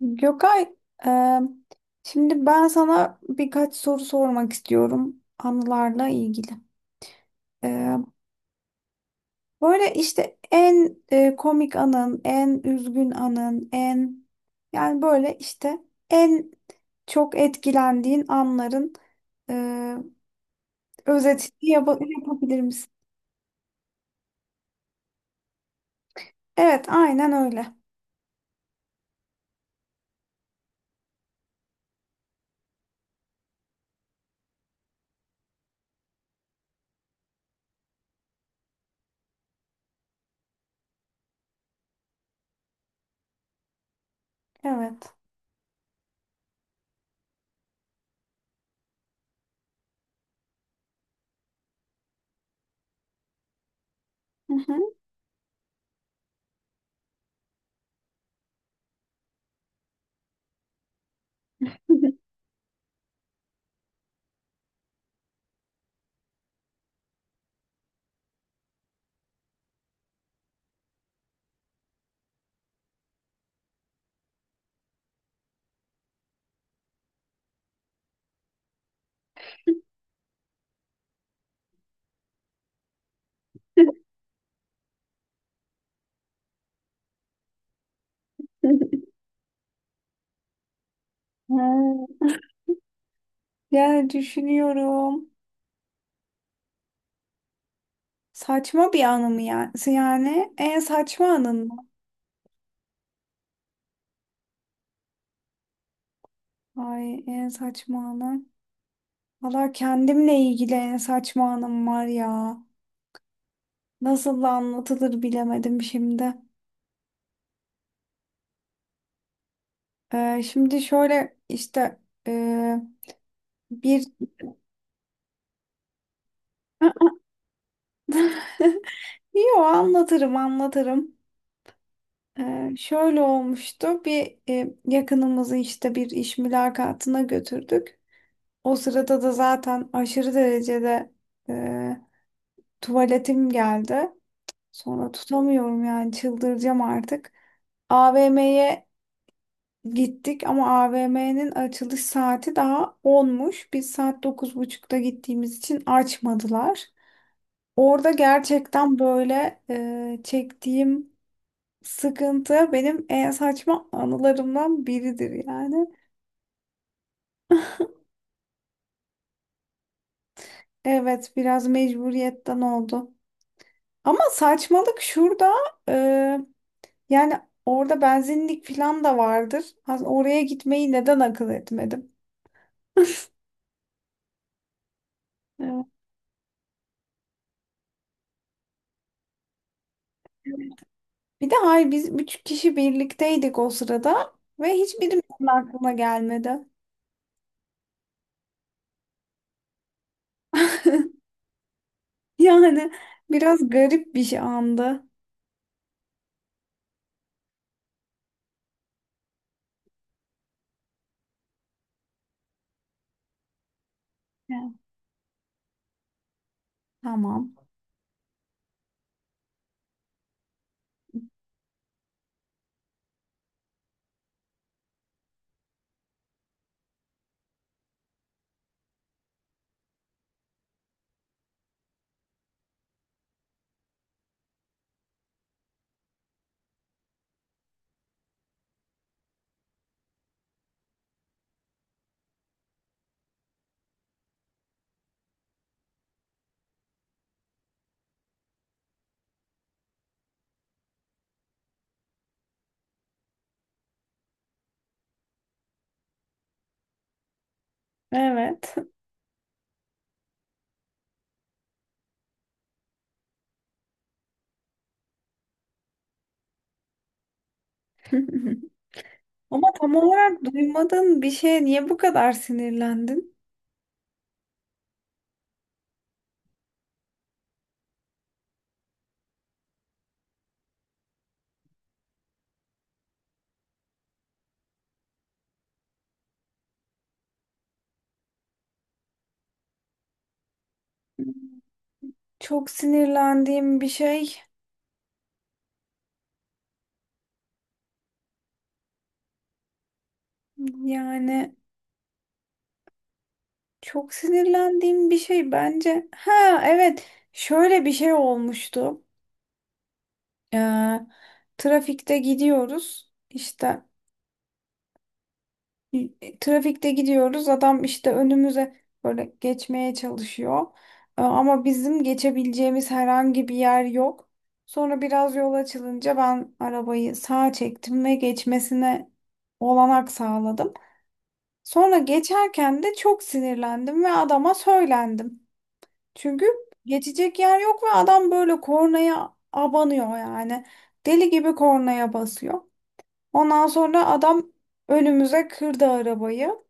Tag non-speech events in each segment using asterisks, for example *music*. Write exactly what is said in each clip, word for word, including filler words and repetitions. Gökay, e, şimdi ben sana birkaç soru sormak istiyorum anılarla ilgili. E, Böyle işte en e, komik anın, en üzgün anın, en, yani böyle işte en çok etkilendiğin anların e, özetini yap- yapabilir misin? Evet, aynen öyle. Evet. Hı hı. *laughs* Ha, yani düşünüyorum. Saçma bir anı mı yani? Yani en saçma anın mı? Ay, en saçma anım. Valla kendimle ilgili en saçma anım var ya. Nasıl da anlatılır bilemedim şimdi. Ee, şimdi şöyle işte, ee, bir... *laughs* Yo, anlatırım anlatırım. Ee, şöyle olmuştu, bir e, yakınımızı işte bir iş mülakatına götürdük. O sırada da zaten aşırı derecede, e, tuvaletim geldi. Sonra tutamıyorum, yani çıldıracağım artık. A V M'ye gittik ama A V M'nin açılış saati daha onmuş. Biz saat dokuz buçukta gittiğimiz için açmadılar. Orada gerçekten böyle e, çektiğim sıkıntı benim en saçma anılarımdan biridir yani. Evet, biraz mecburiyetten oldu. Ama saçmalık şurada, e, yani orada benzinlik falan da vardır. Az- Oraya gitmeyi neden akıl etmedim? Evet. Bir de hayır, biz üç kişi birlikteydik o sırada ve hiçbirimizin aklına gelmedi. *laughs* Yani biraz garip bir şey andı. Evet. Tamam. Evet. *laughs* Ama tam olarak duymadığın bir şeye niye bu kadar sinirlendin? Çok sinirlendiğim bir şey. Yani çok sinirlendiğim bir şey bence. Ha, evet, şöyle bir şey olmuştu. Ee, Trafikte gidiyoruz işte, e, trafikte gidiyoruz, adam işte önümüze böyle geçmeye çalışıyor. Ee, ama bizim geçebileceğimiz herhangi bir yer yok. Sonra biraz yol açılınca ben arabayı sağa çektim ve geçmesine olanak sağladım. Sonra geçerken de çok sinirlendim ve adama söylendim. Çünkü geçecek yer yok ve adam böyle kornaya abanıyor yani. Deli gibi kornaya basıyor. Ondan sonra adam önümüze kırdı arabayı.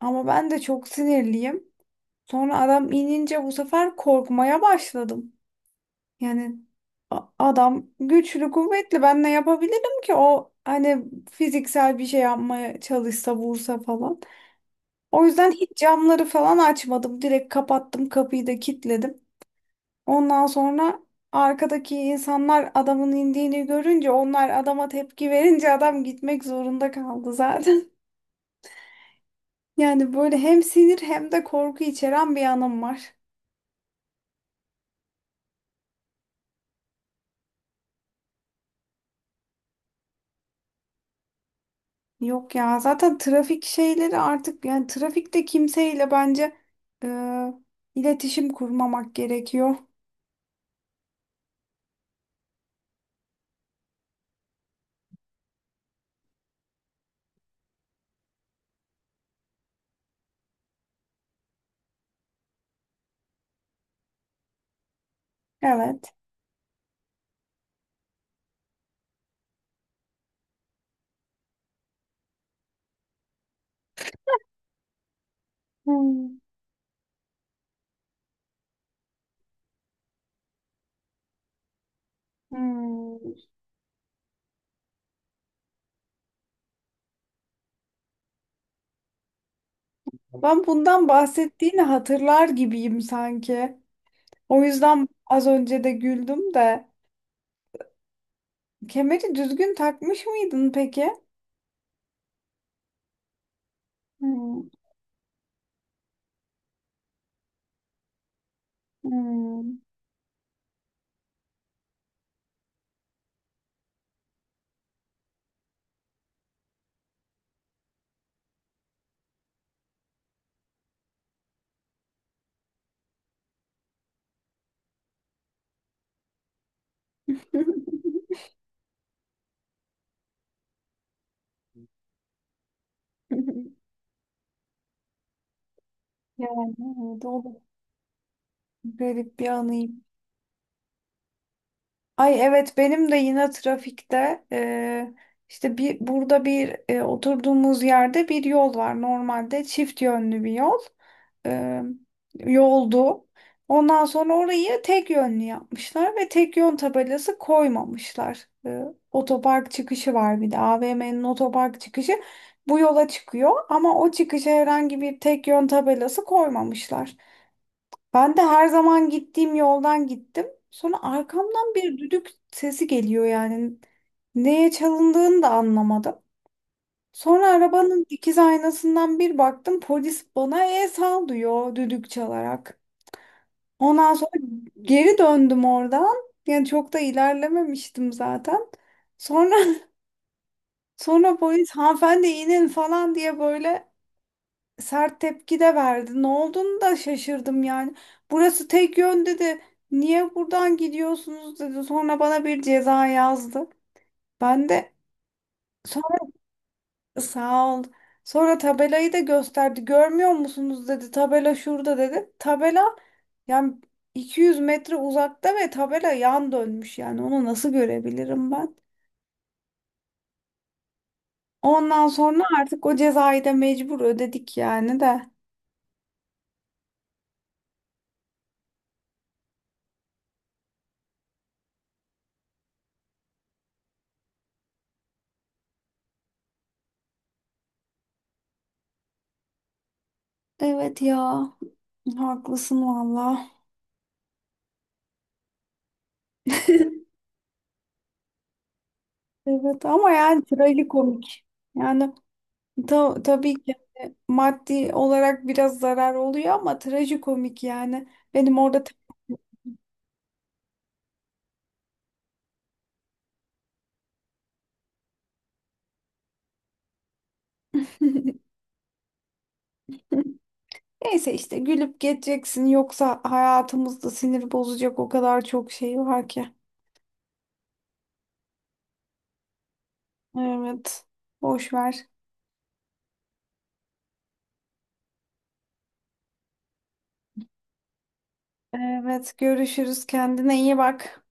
Ama ben de çok sinirliyim. Sonra adam inince bu sefer korkmaya başladım. Yani a- adam güçlü, kuvvetli. Ben ne yapabilirim ki? O, hani fiziksel bir şey yapmaya çalışsa, vursa falan. O yüzden hiç camları falan açmadım. Direkt kapattım, kapıyı da kilitledim. Ondan sonra arkadaki insanlar adamın indiğini görünce, onlar adama tepki verince adam gitmek zorunda kaldı zaten. Yani böyle hem sinir hem de korku içeren bir anım var. Yok ya, zaten trafik şeyleri artık, yani trafikte kimseyle bence e, iletişim kurmamak gerekiyor. Evet. Hmm. Hmm. Ben bundan bahsettiğini hatırlar gibiyim sanki. O yüzden az önce de güldüm de. Kemeri düzgün takmış mıydın peki? Hmm. Hmm. *laughs* Yani evet, o da garip bir anıyım. Ay evet, benim de yine trafikte, e, işte bir burada bir e, oturduğumuz yerde bir yol var, normalde çift yönlü bir yol, e, yoldu. Ondan sonra orayı tek yönlü yapmışlar ve tek yön tabelası koymamışlar. E, otopark çıkışı var, bir de A V M'nin otopark çıkışı bu yola çıkıyor ama o çıkışa herhangi bir tek yön tabelası koymamışlar. Ben de her zaman gittiğim yoldan gittim. Sonra arkamdan bir düdük sesi geliyor yani. Neye çalındığını da anlamadım. Sonra arabanın dikiz aynasından bir baktım, polis bana el sal diyor düdük çalarak. Ondan sonra geri döndüm oradan. Yani çok da ilerlememiştim zaten. Sonra *laughs* sonra polis hanımefendi, inin falan diye böyle sert tepki de verdi. Ne olduğunu da şaşırdım yani. Burası tek yön dedi. Niye buradan gidiyorsunuz dedi. Sonra bana bir ceza yazdı. Ben de sonra sağ ol. Sonra tabelayı da gösterdi. Görmüyor musunuz dedi. Tabela şurada dedi. Tabela, yani iki yüz metre uzakta ve tabela yan dönmüş yani. Onu nasıl görebilirim ben? Ondan sonra artık o cezayı da mecbur ödedik yani de. Evet ya. Haklısın valla. *laughs* Evet ama yani trajikomik. Yani ta- tabii ki maddi olarak biraz zarar oluyor ama trajikomik yani. Benim orada *laughs* neyse işte, gülüp geçeceksin, yoksa hayatımızda sinir bozacak o kadar çok şey var ki. Evet. Boş ver. Evet, görüşürüz. Kendine iyi bak.